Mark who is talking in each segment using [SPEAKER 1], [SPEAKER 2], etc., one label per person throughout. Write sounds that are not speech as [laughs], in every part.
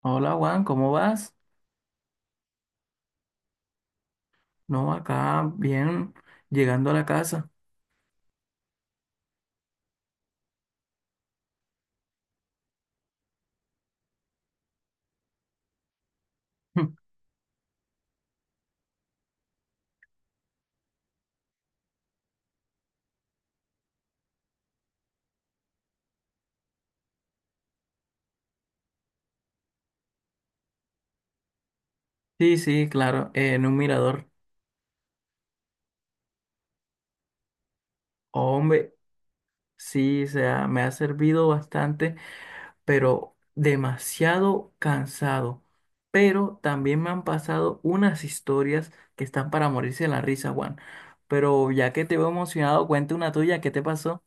[SPEAKER 1] Hola Juan, ¿cómo vas? No, acá bien, llegando a la casa. [laughs] Sí, sí, claro, en un mirador. Hombre, sí, o sea, me ha servido bastante, pero demasiado cansado. Pero también me han pasado unas historias que están para morirse de la risa, Juan. Pero ya que te veo emocionado, cuenta una tuya, ¿qué te pasó?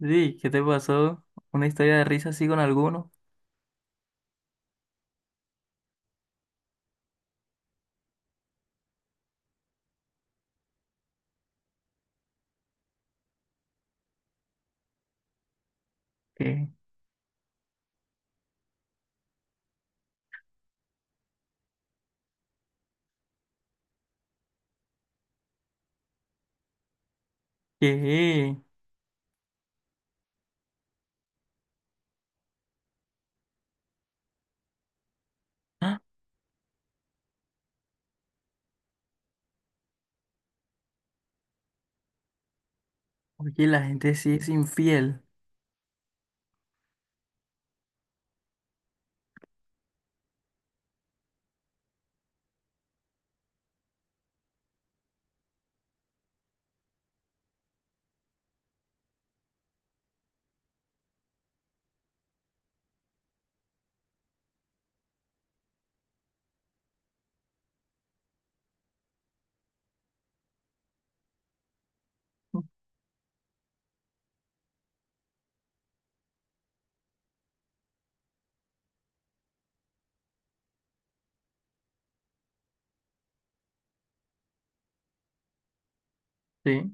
[SPEAKER 1] Sí, ¿qué te pasó? ¿Una historia de risa así con alguno? ¿Qué? ¿Qué? Ah, oye, la gente sí es infiel. Sí.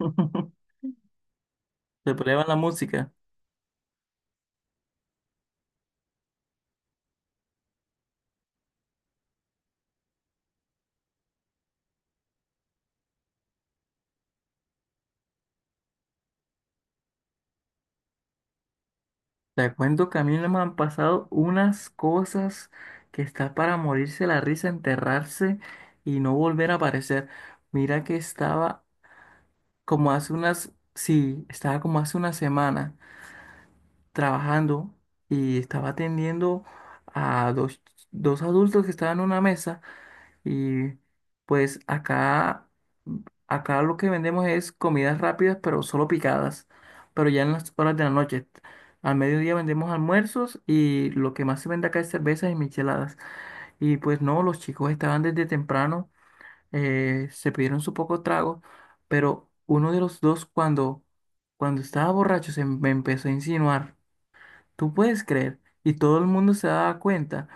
[SPEAKER 1] [laughs] Se prueba la música. Te cuento que a mí no me han pasado unas cosas que está para morirse la risa, enterrarse y no volver a aparecer. Mira que estaba como hace una semana trabajando y estaba atendiendo a dos adultos que estaban en una mesa. Y pues acá lo que vendemos es comidas rápidas, pero solo picadas, pero ya en las horas de la noche. Al mediodía vendemos almuerzos y lo que más se vende acá es cervezas y micheladas. Y pues no, los chicos estaban desde temprano, se pidieron su poco trago, pero uno de los dos cuando estaba borracho se me empezó a insinuar, ¿tú puedes creer? Y todo el mundo se daba cuenta.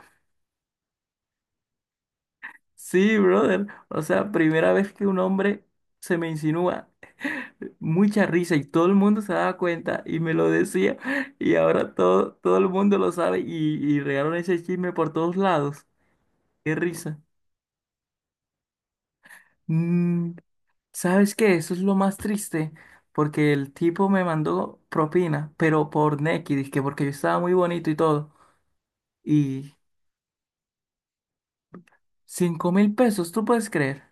[SPEAKER 1] Sí, brother. O sea, primera vez que un hombre se me insinúa, mucha risa y todo el mundo se daba cuenta y me lo decía y ahora todo el mundo lo sabe y regaron ese chisme por todos lados. Qué risa. Mm, ¿Sabes qué? Eso es lo más triste porque el tipo me mandó propina, pero por Nequi, dizque porque yo estaba muy bonito y todo. Y 5.000 pesos, ¿tú puedes creer?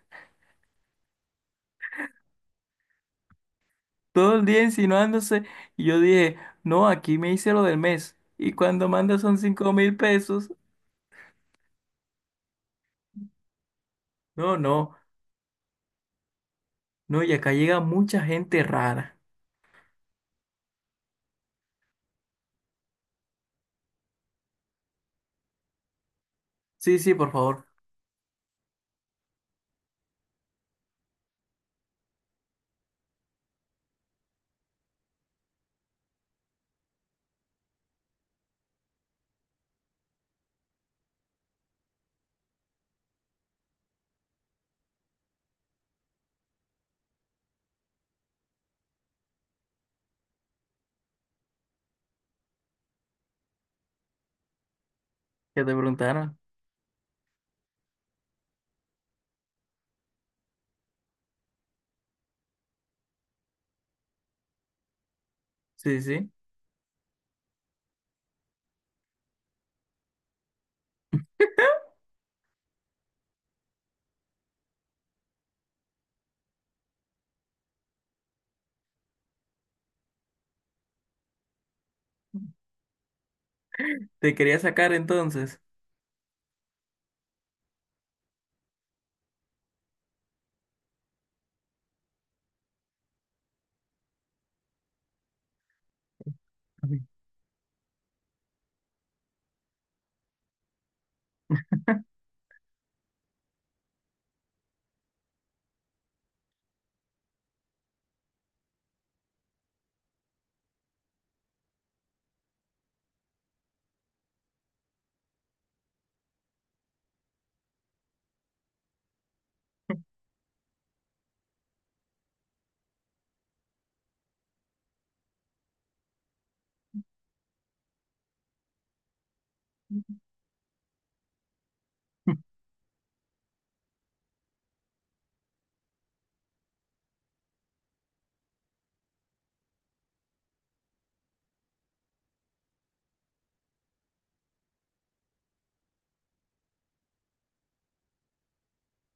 [SPEAKER 1] Todo el día insinuándose y yo dije, no, aquí me hice lo del mes y cuando manda son 5.000 pesos. No, no, no, y acá llega mucha gente rara. Sí, sí, por favor, que te preguntaron. Sí, sí, te quería sacar entonces. [laughs]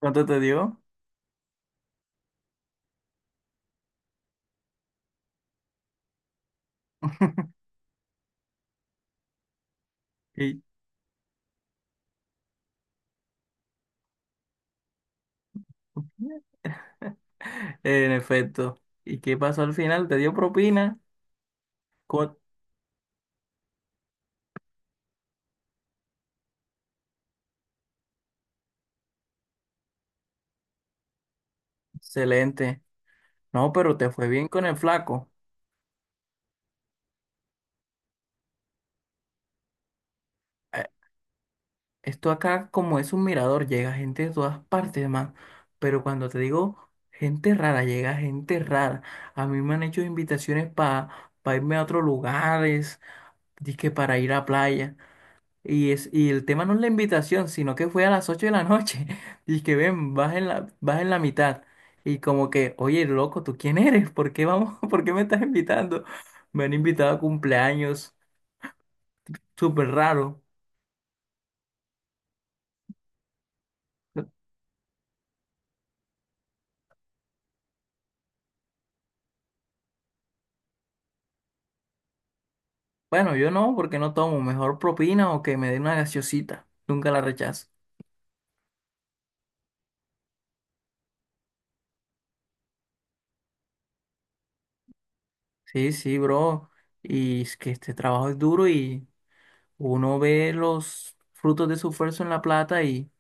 [SPEAKER 1] ¿Cuánto te dio? [laughs] Y- en efecto. ¿Y qué pasó al final? ¿Te dio propina? Co- Excelente. No, pero te fue bien con el flaco. Eh, Esto acá, como es un mirador, llega gente de todas partes, man. Pero cuando te digo gente rara, llega gente rara. A mí me han hecho invitaciones para irme a otros lugares, dizque para ir a playa. Y el tema no es la invitación, sino que fue a las 8 de la noche. [laughs] Y que ven, vas en la mitad. Y como que, oye, loco, ¿tú quién eres? ¿Por qué vamos? [laughs] ¿Por qué me estás invitando? Me han invitado a cumpleaños, súper raro. Bueno, yo no, porque no tomo. Mejor propina o que me den una gaseosita. Nunca la rechazo. Sí, sí, bro. Y es que este trabajo es duro y uno ve los frutos de su esfuerzo en la plata y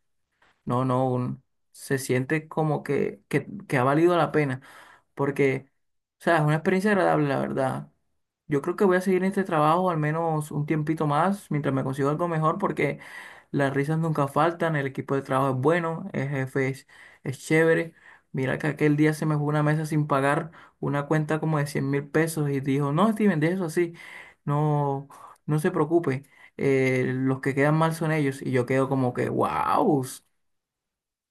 [SPEAKER 1] no, no, se siente como que ha valido la pena, porque, o sea, es una experiencia agradable, la verdad. Yo creo que voy a seguir en este trabajo al menos un tiempito más, mientras me consigo algo mejor, porque las risas nunca faltan, el equipo de trabajo es bueno, el jefe es chévere. Mira que aquel día se me fue una mesa sin pagar una cuenta como de 100.000 pesos y dijo, no, Steven, de eso así, no, no se preocupe, los que quedan mal son ellos. Y yo quedo como que, wow,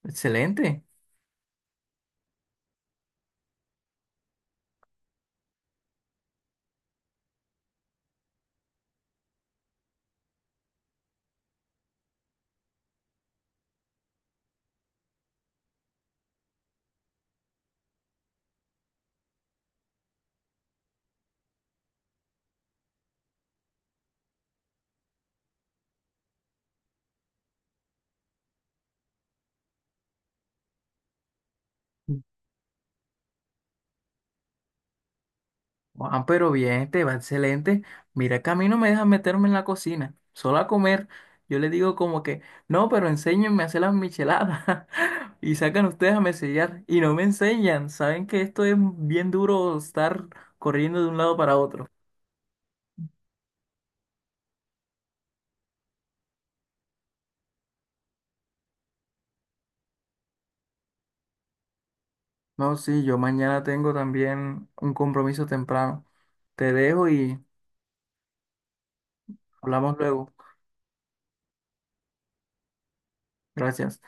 [SPEAKER 1] excelente. Ah, pero bien, te va excelente. Mira que a mí no me dejan meterme en la cocina, solo a comer. Yo le digo como que, no, pero enséñenme a hacer las micheladas. [laughs] Y sacan ustedes a mesellar y no me enseñan. Saben que esto es bien duro estar corriendo de un lado para otro. No, sí, yo mañana tengo también un compromiso temprano. Te dejo y hablamos luego. Gracias.